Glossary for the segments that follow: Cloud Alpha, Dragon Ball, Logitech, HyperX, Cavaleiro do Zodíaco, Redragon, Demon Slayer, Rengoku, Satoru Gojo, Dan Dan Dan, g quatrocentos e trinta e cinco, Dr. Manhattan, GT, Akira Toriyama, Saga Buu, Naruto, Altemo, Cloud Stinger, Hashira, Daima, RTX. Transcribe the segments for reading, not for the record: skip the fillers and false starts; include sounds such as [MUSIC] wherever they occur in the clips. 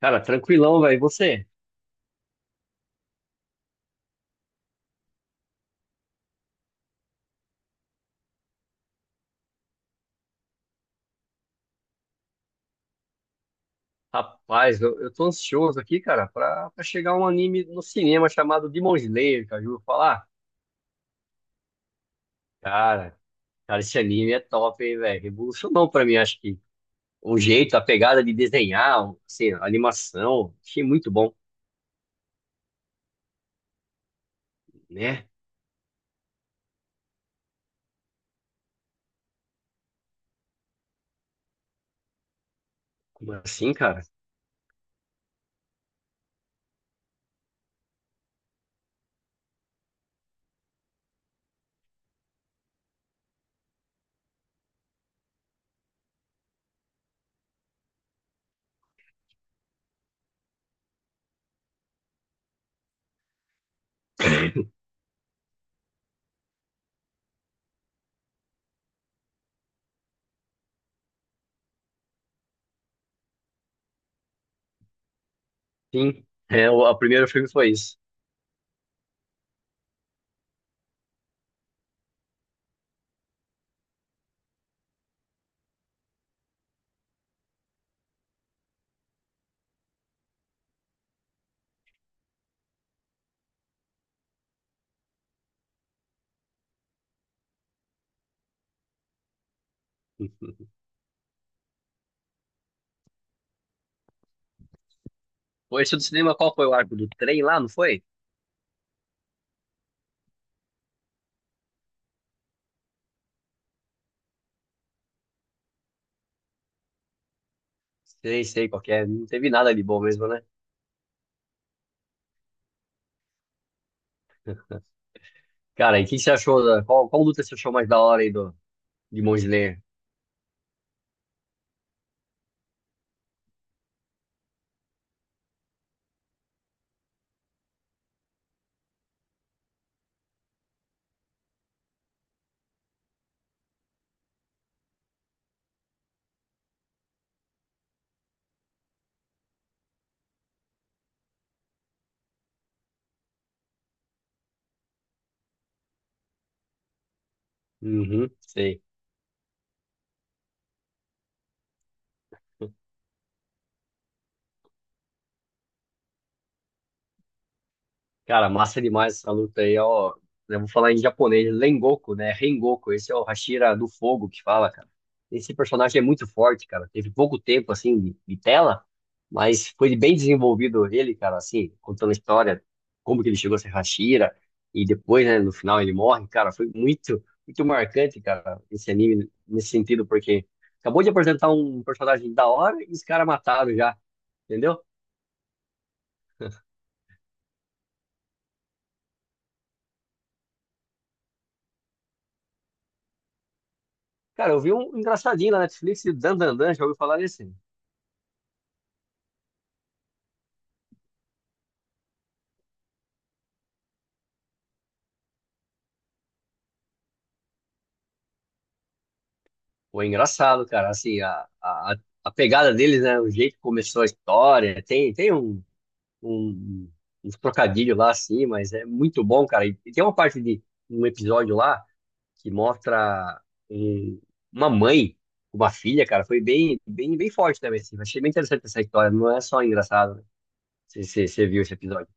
Cara, tranquilão, velho. E você? Rapaz, eu tô ansioso aqui, cara, pra chegar um anime no cinema chamado Demon Slayer, cara. Já ouviu falar? Cara, cara, esse anime é top, hein, velho. Revolucionou pra mim, acho que. O jeito, a pegada de desenhar, assim, a animação. Achei muito bom, né? Como assim, cara? Sim. É, o primeiro filme foi isso. [LAUGHS] Foi esse do cinema, qual foi o arco do trem lá, não foi? Sei qual que é. Não teve nada de bom mesmo, né? Cara, e o que você achou? Da, qual, qual luta você achou mais da hora aí do, Demon Slayer. Uhum, sei. Cara, massa demais essa luta aí, ó. Eu vou falar em japonês, Rengoku, né? Rengoku, esse é o Hashira do Fogo que fala, cara. Esse personagem é muito forte, cara. Teve pouco tempo, assim, de tela, mas foi bem desenvolvido ele, cara, assim, contando a história, como que ele chegou a ser Hashira, e depois, né, no final ele morre, cara. Foi muito marcante, cara, esse anime, nesse sentido, porque acabou de apresentar um personagem da hora e os caras mataram já, entendeu? Cara, eu vi um engraçadinho na Netflix, Dan Dan Dan, já ouviu falar nesse? Pô, é engraçado, cara, assim, a pegada deles, né, o jeito que começou a história, tem um uns trocadilhos lá, assim, mas é muito bom, cara, e tem uma parte de um episódio lá que mostra um- uma mãe, uma filha, cara, foi bem forte também, assim, achei bem interessante essa história, não é só engraçado, né, você viu esse episódio.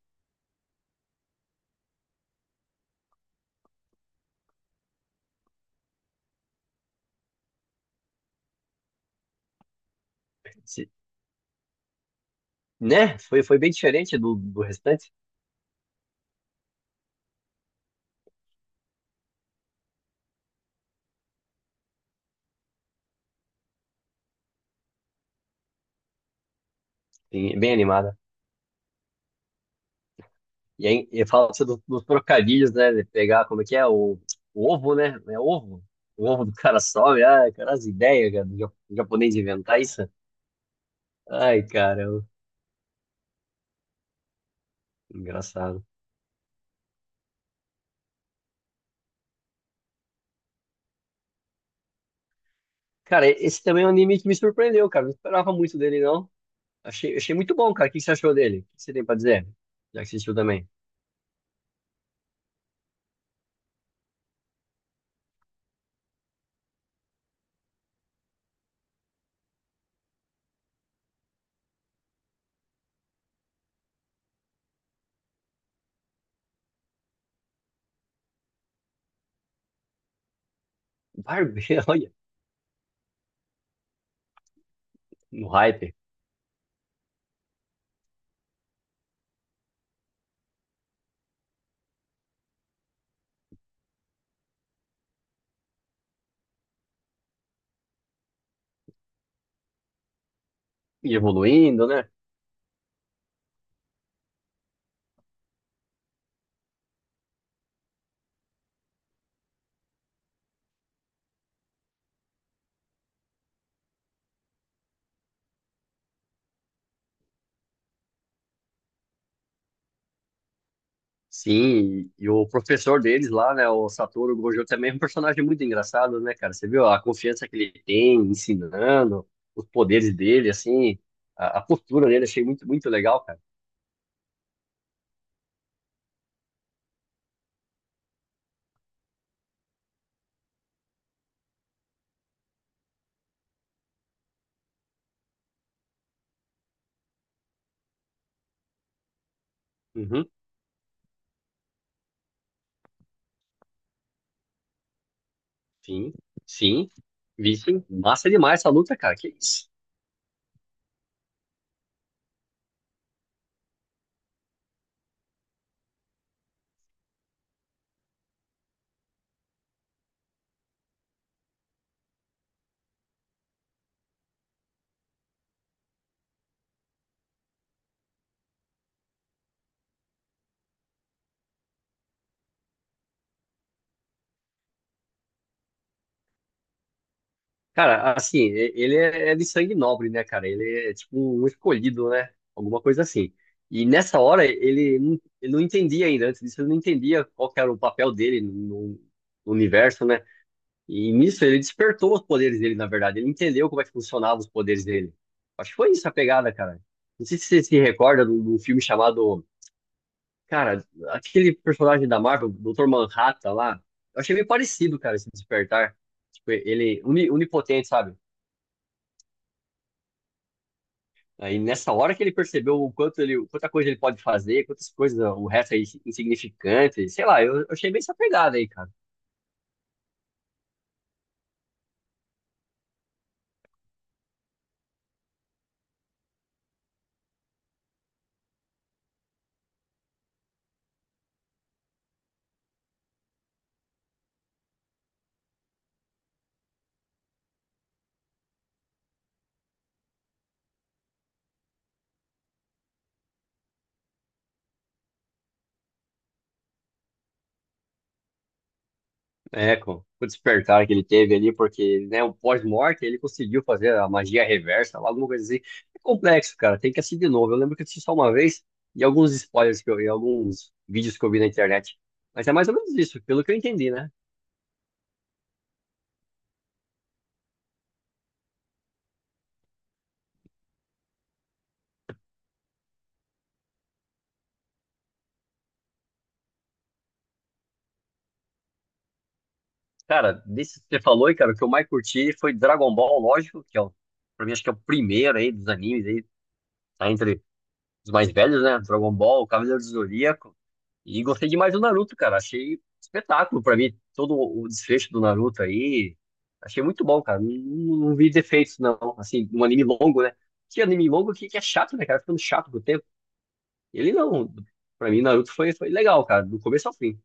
Cê- né, foi bem diferente do, do restante. Sim, bem animada. E aí, e fala-se dos trocadilhos, né? De pegar, como é que é? O ovo, né? É ovo? O ovo do cara sobe. Ah, cara, as ideias, cara, do japonês inventar isso. Ai, engraçado. Cara, esse também é um anime que me surpreendeu, cara. Não esperava muito dele, não. Achei muito bom, cara. O que você achou dele? O que você tem pra dizer? Já que assistiu também. Barbeiro, [LAUGHS] olha, no hype. E evoluindo, né? Sim, e o professor deles lá, né, o Satoru Gojo, também é um personagem muito engraçado, né, cara? Você viu a confiança que ele tem ensinando, os poderes dele, assim, a postura dele, achei muito legal, cara. Uhum, sim, sim, vi sim. Massa demais essa luta, cara, que isso. Cara, assim, ele é de sangue nobre, né, cara? Ele é tipo um escolhido, né? Alguma coisa assim. E nessa hora, ele não entendia ainda, antes disso, ele não entendia qual que era o papel dele no universo, né? E nisso ele despertou os poderes dele, na verdade. Ele entendeu como é que funcionavam os poderes dele. Acho que foi isso a pegada, cara. Não sei se você se recorda de um filme chamado. Cara, aquele personagem da Marvel, Dr. Manhattan lá. Eu achei meio parecido, cara, esse despertar. Tipo, onipotente, sabe? Aí nessa hora que ele percebeu o quanto ele, quanta coisa ele pode fazer, quantas coisas, o resto é insignificante. Sei lá, eu achei bem essa pegada aí, cara. É, com o despertar que ele teve ali, porque, né, o pós-morte ele conseguiu fazer a magia reversa, lá, alguma coisa assim. É complexo, cara, tem que assistir de novo. Eu lembro que eu assisti só uma vez e alguns spoilers que eu vi, alguns vídeos que eu vi na internet. Mas é mais ou menos isso, pelo que eu entendi, né? Cara, desse que você falou, aí, cara, o que eu mais curti foi Dragon Ball, lógico, que é, pra mim, acho que é o primeiro aí dos animes aí, tá entre os mais velhos, né? Dragon Ball, Cavaleiro do Zodíaco. E gostei demais do Naruto, cara. Achei espetáculo pra mim todo o desfecho do Naruto aí. Achei muito bom, cara. Não, não vi defeitos, não. Assim, um anime longo, né? Que anime longo que é chato, né, cara? Ficando chato com o tempo. Ele não. Pra mim, Naruto foi, foi legal, cara, do começo ao fim.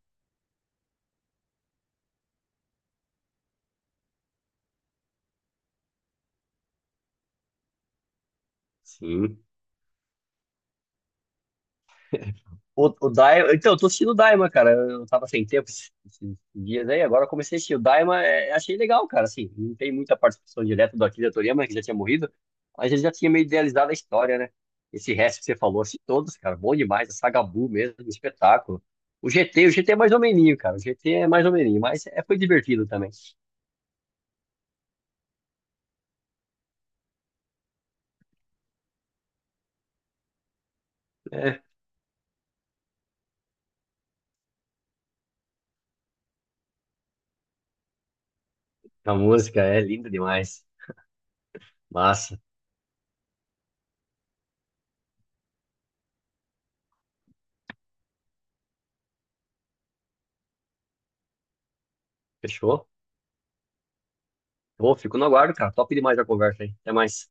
Sim. O Daima. Então, eu tô assistindo o Daima, cara. Eu tava sem tempo esses, esses dias aí, agora eu comecei a assistir. O Daima, é, achei legal, cara. Assim, não tem muita participação direta do Akira Toriyama, que já tinha morrido, mas ele já tinha meio idealizado a história, né? Esse resto que você falou, assim, todos, cara, bom demais. A Saga Buu mesmo, um espetáculo. O GT, o GT é mais ou meninho, cara. O GT é mais ou meninho, mas é, foi divertido também. É, a música é linda demais. Massa. Fechou? Pô, fico no aguardo, cara. Top demais a conversa aí. Até mais.